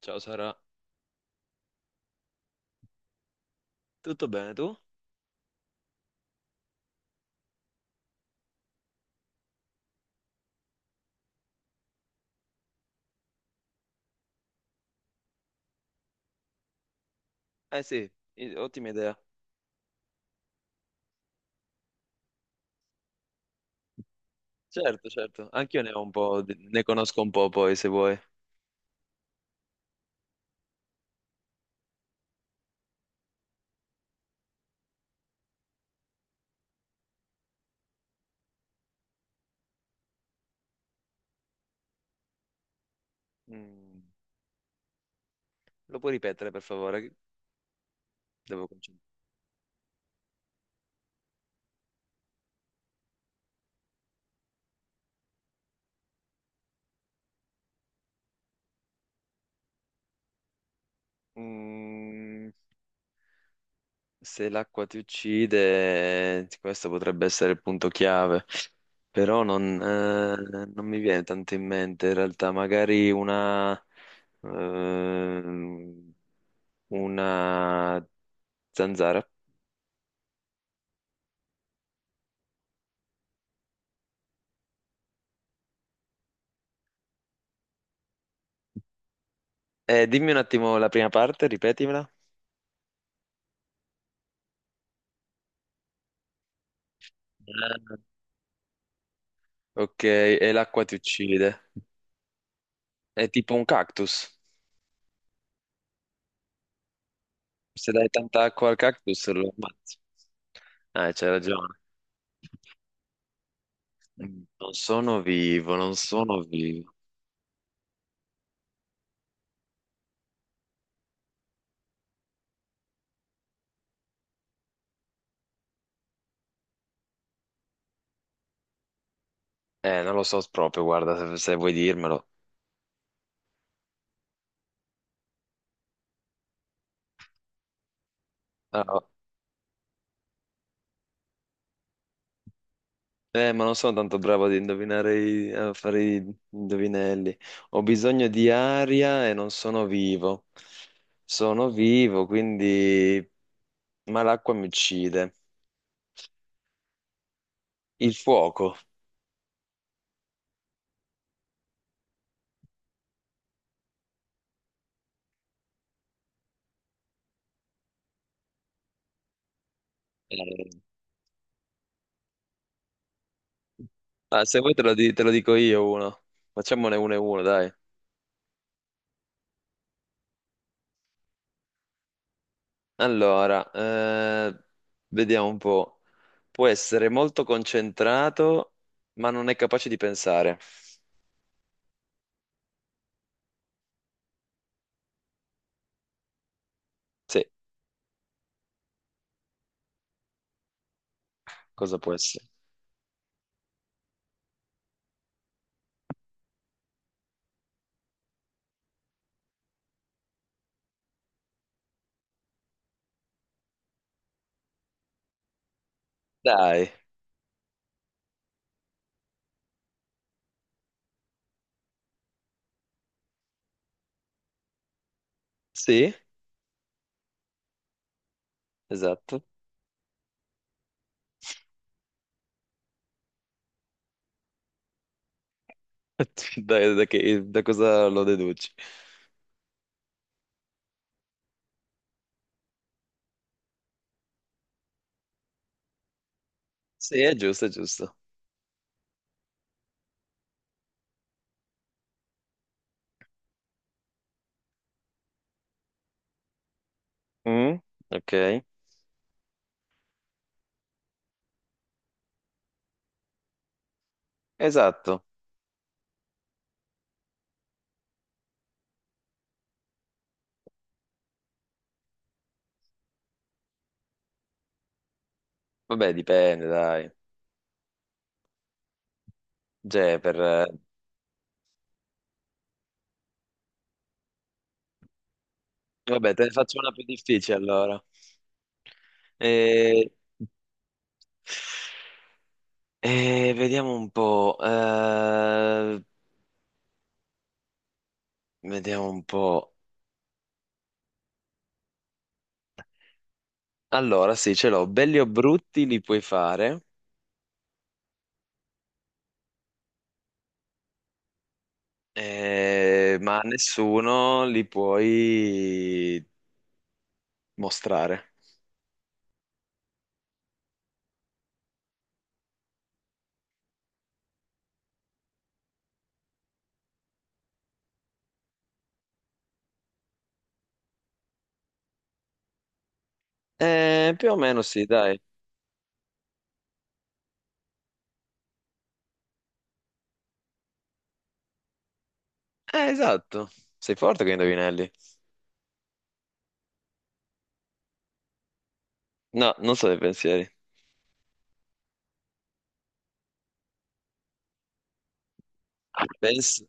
Ciao Sara, tutto bene tu? Eh sì, ottima idea. Certo, certo, anch'io ne ho un po', ne conosco un po' poi se vuoi. Mm, Lo puoi ripetere per favore? Che Devo concentrarmi. Mm, se l'acqua ti uccide, questo potrebbe essere il punto chiave, però non mi viene tanto in mente in realtà, magari ehm, una zanzara. Dimmi un attimo la prima parte, ripetimela. Ok, e l'acqua ti uccide. È tipo un cactus. Se dai tanta acqua al cactus lo ammazzi. Ah, c'hai ragione. Mm, Non sono vivo, non sono vivo. Non lo so proprio, guarda, se vuoi dirmelo. Ah, ma non sono tanto bravo ad indovinare a fare i indovinelli. Ho bisogno di aria e non sono vivo. Sono vivo, quindi... Ma l'acqua mi uccide. Il fuoco. Eh, Ah, se vuoi te lo dico io uno. Facciamone uno e uno, dai. Allora, vediamo un po'. Può essere molto concentrato, ma non è capace di pensare. Sì, cosa può essere? Dai, sì, esatto. Dai, da cosa lo deduci? Sì, è giusto, è giusto. Mm, ok, esatto. Vabbè, dipende, dai. Cioè, per... vabbè, te ne faccio una più difficile allora. Eh, vediamo un po'. Vediamo un po'. Allora, sì, ce l'ho. Belli o brutti li puoi fare, ma a nessuno li puoi mostrare. Più o meno sì, dai. Esatto. Sei forte con i indovinelli. No, non so dei pensieri. Penso...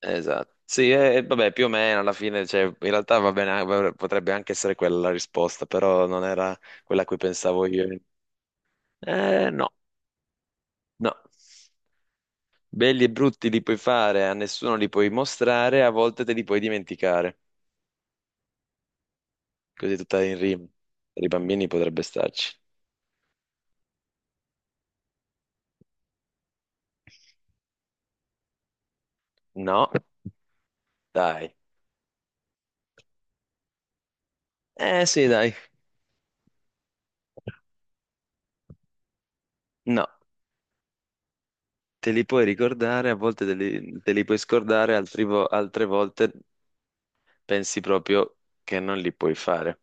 Esatto. Sì, vabbè, più o meno alla fine, cioè, in realtà va bene, potrebbe anche essere quella la risposta, però non era quella a cui pensavo io. Eh, no, no. Belli e brutti li puoi fare, a nessuno li puoi mostrare, a volte te li puoi dimenticare. Così tutta in rima. Per i bambini potrebbe starci. No, dai. Eh sì, dai. No, te li puoi ricordare, a volte te li puoi scordare, altre volte pensi proprio che non li puoi fare.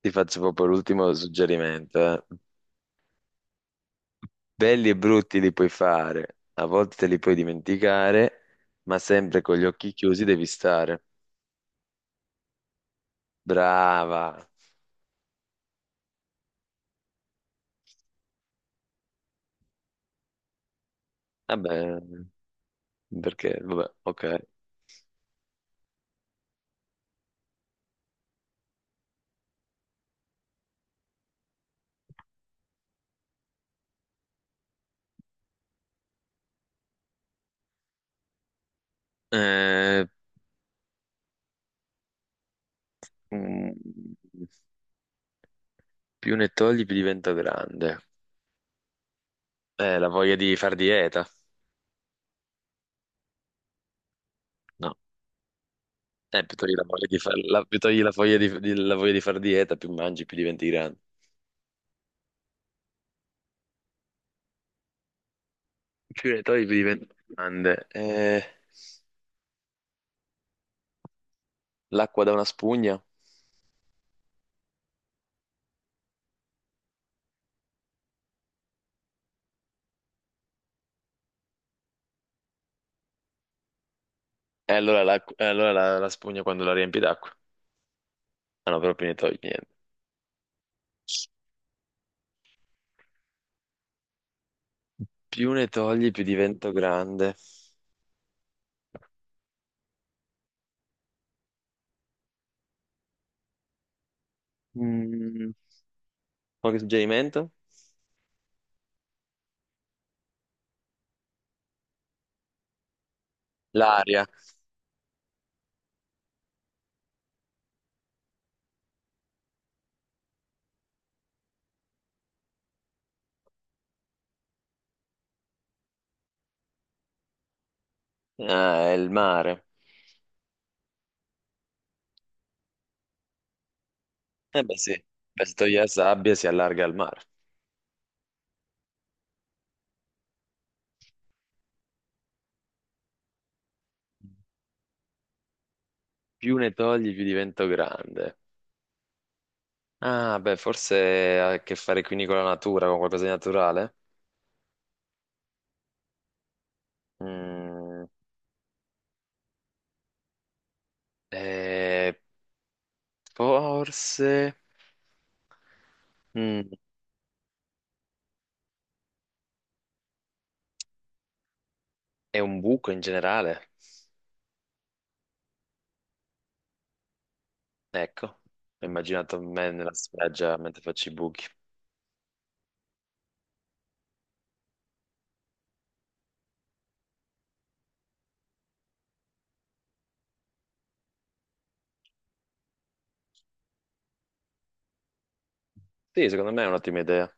Ti faccio proprio l'ultimo suggerimento. Belli e brutti li puoi fare, a volte te li puoi dimenticare, ma sempre con gli occhi chiusi devi stare. Brava. Vabbè, perché, vabbè, ok. Eh, mm, più ne togli, più divento grande. La voglia di far dieta. No, più togli la voglia la voglia di far dieta, più mangi, più diventi grande. Più ne togli, più diventi grande. L'acqua da una spugna. E allora, la spugna quando la riempi d'acqua. Ah no, però più ne togli, niente. Più ne togli, più divento grande. Mm, qualche suggerimento? L'aria. Ah, è il mare. Eh beh sì, beh, se togli la sabbia si allarga il mare. Più ne togli, più divento grande. Ah, beh, forse ha a che fare quindi con la natura, con qualcosa di naturale. Mm, eh, forse mm, è un buco in generale. Ecco, ho immaginato me nella spiaggia mentre faccio i buchi. Sì, secondo me è un'ottima idea.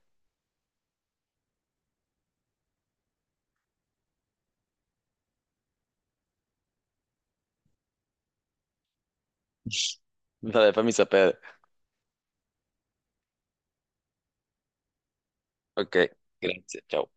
Vabbè, fammi sapere. Ok, grazie, ciao.